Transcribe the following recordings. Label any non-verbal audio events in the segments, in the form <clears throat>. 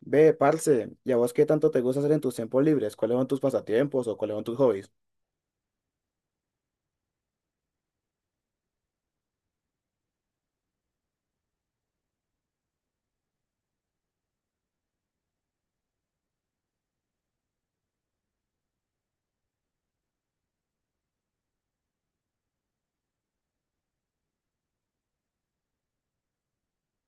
Ve, parce, ¿y a vos qué tanto te gusta hacer en tus tiempos libres? ¿Cuáles son tus pasatiempos o cuáles son tus hobbies?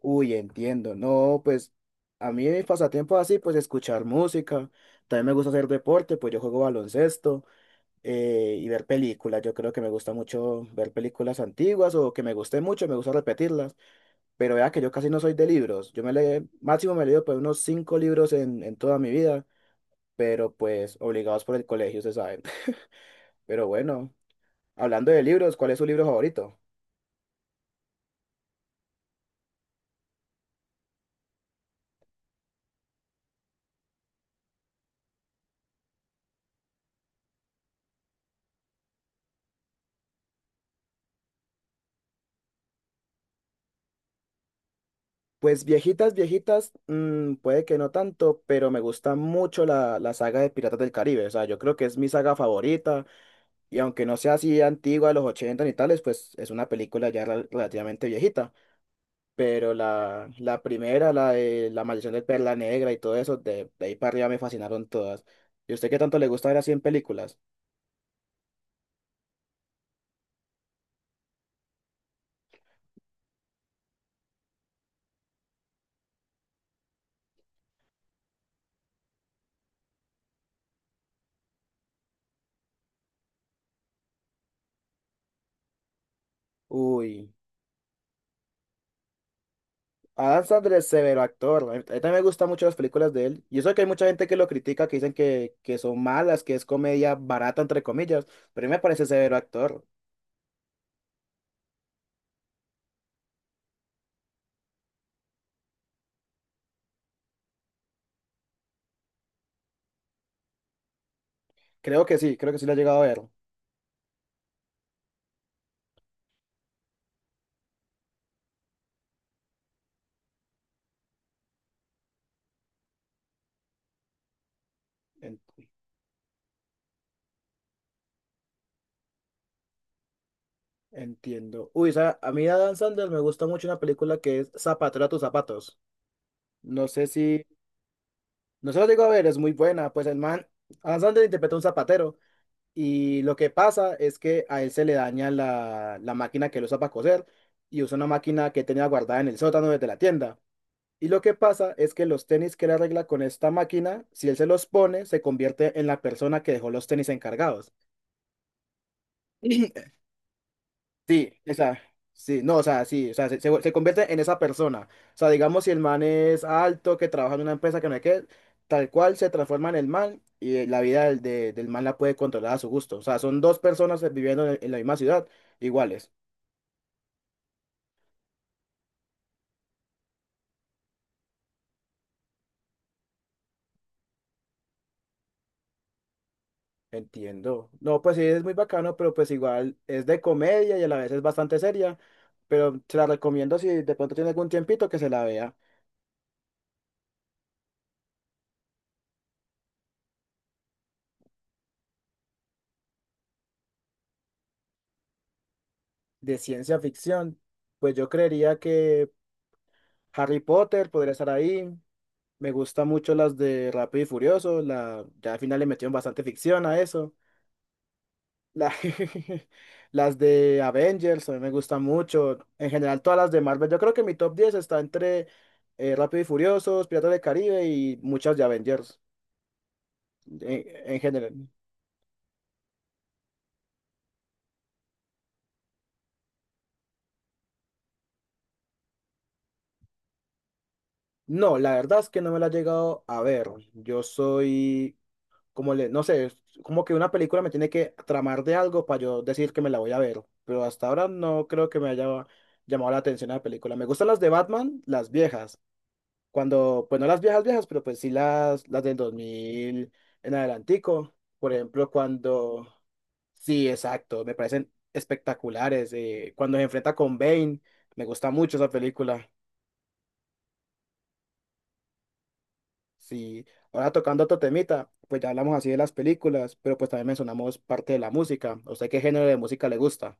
Uy, entiendo. No, pues a mí mis pasatiempos así, pues escuchar música. También me gusta hacer deporte, pues yo juego baloncesto y ver películas. Yo creo que me gusta mucho ver películas antiguas o que me guste mucho, me gusta repetirlas. Pero vea que yo casi no soy de libros. Yo me leí, máximo me he leído pues unos cinco libros en toda mi vida, pero pues obligados por el colegio, se sabe. <laughs> Pero bueno, hablando de libros, ¿cuál es su libro favorito? Pues viejitas, viejitas, puede que no tanto, pero me gusta mucho la saga de Piratas del Caribe. O sea, yo creo que es mi saga favorita. Y aunque no sea así antigua de los 80 ni tales, pues es una película ya relativamente viejita. Pero la primera, la de La Maldición del Perla Negra y todo eso, de ahí para arriba me fascinaron todas. ¿Y usted qué tanto le gusta ver así en películas? Uy. Adam Sandler es severo actor. A mí también me gustan mucho las películas de él. Y eso que hay mucha gente que lo critica, que dicen que son malas, que es comedia barata, entre comillas. Pero a mí me parece severo actor. Creo que sí lo he llegado a ver. En- Entiendo. Uy, a mí de Adam Sandler me gusta mucho una película que es Zapatero a tus zapatos. No sé si. No se lo digo a ver, es muy buena. Pues el man, Adam Sandler interpreta a un zapatero. Y lo que pasa es que a él se le daña la máquina que él usa para coser y usa una máquina que tenía guardada en el sótano desde la tienda. Y lo que pasa es que los tenis que él arregla con esta máquina, si él se los pone, se convierte en la persona que dejó los tenis encargados. <clears throat> Sí, esa, sí, no, o sea, sí, o sea, se convierte en esa persona. O sea, digamos, si el man es alto, que trabaja en una empresa que no es que, tal cual se transforma en el man y la vida del man la puede controlar a su gusto. O sea, son dos personas viviendo en la misma ciudad, iguales. Entiendo. No, pues sí, es muy bacano, pero pues igual es de comedia y a la vez es bastante seria, pero se la recomiendo si de pronto tiene algún tiempito que se la vea. De ciencia ficción, pues yo creería que Harry Potter podría estar ahí. Me gustan mucho las de Rápido y Furioso. Ya al final le metieron bastante ficción a eso. La- <laughs> las de Avengers a mí me gustan mucho. En general, todas las de Marvel. Yo creo que mi top 10 está entre Rápido y Furiosos, Piratas del Caribe y muchas de Avengers en, en general. No, la verdad es que no me la he llegado a ver. Yo soy como le, no sé, es como que una película me tiene que tramar de algo para yo decir que me la voy a ver, pero hasta ahora no creo que me haya llamado la atención la película. Me gustan las de Batman, las viejas, cuando, pues no las viejas viejas, pero pues sí las del 2000 en adelantico, por ejemplo, cuando, sí, exacto, me parecen espectaculares, cuando se enfrenta con Bane, me gusta mucho esa película. Sí, ahora tocando otro temita, pues ya hablamos así de las películas, pero pues también mencionamos parte de la música. ¿A ¿Usted qué género de música le gusta?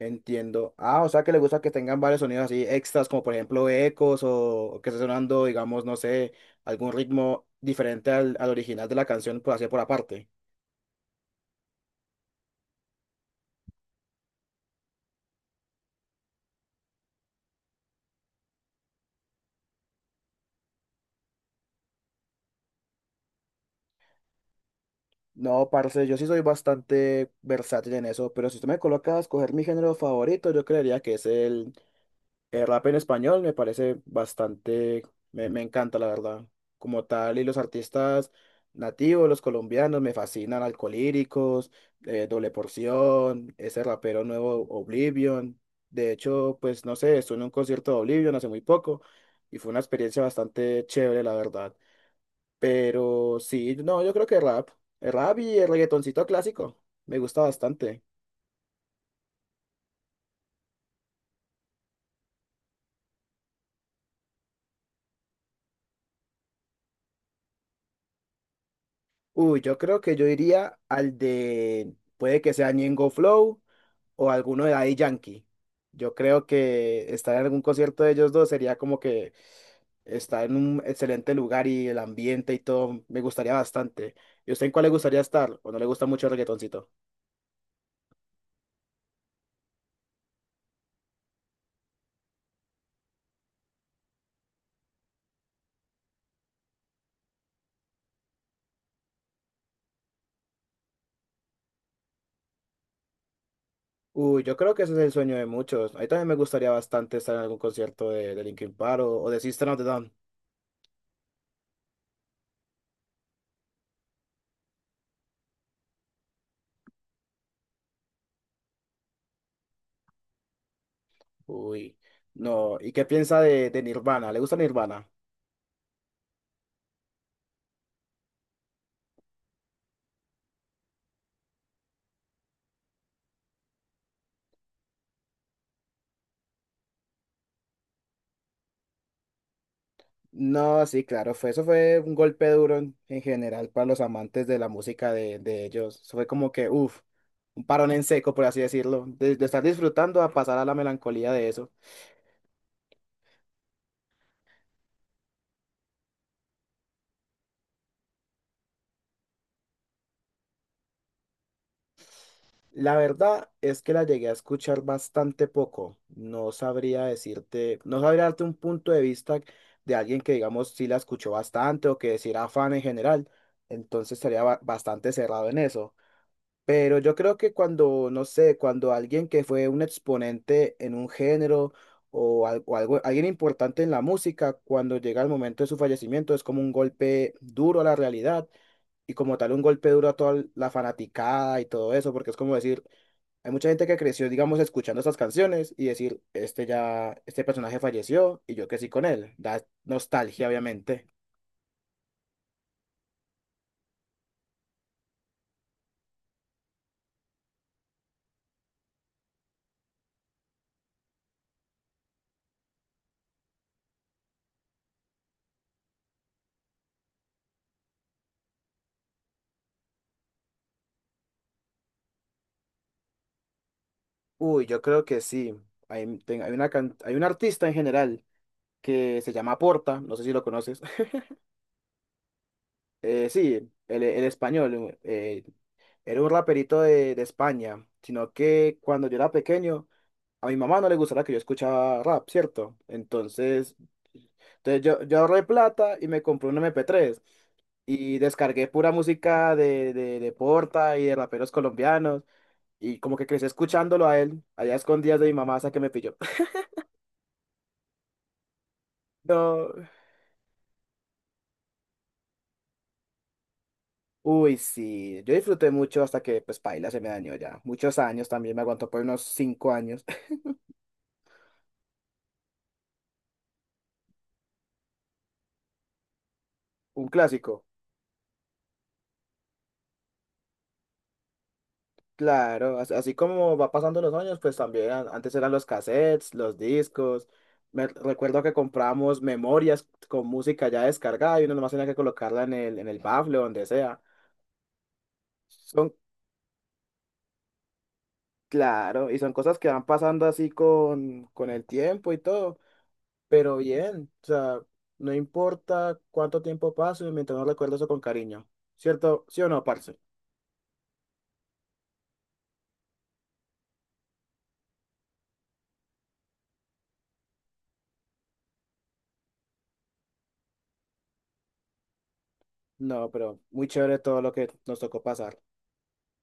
Entiendo. Ah, o sea que le gusta que tengan varios sonidos así extras, como por ejemplo ecos o que esté sonando, digamos, no sé, algún ritmo diferente al original de la canción, por así por aparte. No, parce, yo sí soy bastante versátil en eso, pero si usted me coloca a escoger mi género favorito, yo creería que es el rap en español me parece bastante, me encanta la verdad, como tal, y los artistas nativos, los colombianos, me fascinan, Alcolíricos, Doble Porción, ese rapero nuevo Oblivion, de hecho, pues no sé, estuve en un concierto de Oblivion hace muy poco y fue una experiencia bastante chévere la verdad, pero sí, no, yo creo que rap, el rap y el reggaetoncito clásico, me gusta bastante. Uy, yo creo que yo iría al de, puede que sea Ñengo Flow o alguno de Daddy Yankee. Yo creo que estar en algún concierto de ellos dos sería como que estar en un excelente lugar y el ambiente y todo me gustaría bastante. ¿Y usted en cuál le gustaría estar? ¿O no le gusta mucho el reggaetoncito? Uy, yo creo que ese es el sueño de muchos. A mí también me gustaría bastante estar en algún concierto de Linkin Park o de System of a Down. Uy, no. ¿Y qué piensa de Nirvana? ¿Le gusta Nirvana? No, sí, claro, fue, eso fue un golpe duro en general para los amantes de la música de ellos. Eso fue como que, uff, un parón en seco, por así decirlo, de estar disfrutando a pasar a la melancolía de eso. La verdad es que la llegué a escuchar bastante poco. No sabría decirte, no sabría darte un punto de vista de alguien que, digamos, sí la escuchó bastante o que sí era fan en general. Entonces estaría bastante cerrado en eso. Pero yo creo que cuando, no sé, cuando alguien que fue un exponente en un género o algo, alguien importante en la música, cuando llega el momento de su fallecimiento, es como un golpe duro a la realidad y como tal un golpe duro a toda la fanaticada y todo eso, porque es como decir, hay mucha gente que creció, digamos, escuchando estas canciones y decir, este ya, este personaje falleció y yo crecí con él. Da nostalgia, obviamente. Uy, yo creo que sí. Hay, ten- hay una, can- hay un artista en general. Que se llama Porta, no sé si lo conoces. <laughs> Sí, el español, era un raperito de España, sino que cuando yo era pequeño, a mi mamá no le gustaba que yo escuchara rap, ¿cierto? Entonces yo ahorré plata y me compré un MP3 y descargué pura música de Porta y de raperos colombianos y como que crecí escuchándolo a él, allá a escondidas de mi mamá hasta que me pilló. <laughs> No. Uy, sí, yo disfruté mucho hasta que, pues, paila, se me dañó ya. Muchos años también, me aguantó por unos 5 años. <laughs> Un clásico, claro, así como va pasando los años, pues también antes eran los cassettes, los discos. Me recuerdo que compramos memorias con música ya descargada y uno nomás tenía que colocarla en el bafle o donde sea. Son, claro, y son cosas que van pasando así con el tiempo y todo. Pero bien, o sea, no importa cuánto tiempo pase, mientras no recuerdo eso con cariño. ¿Cierto? ¿Sí o no, parce? No, pero muy chévere todo lo que nos tocó pasar.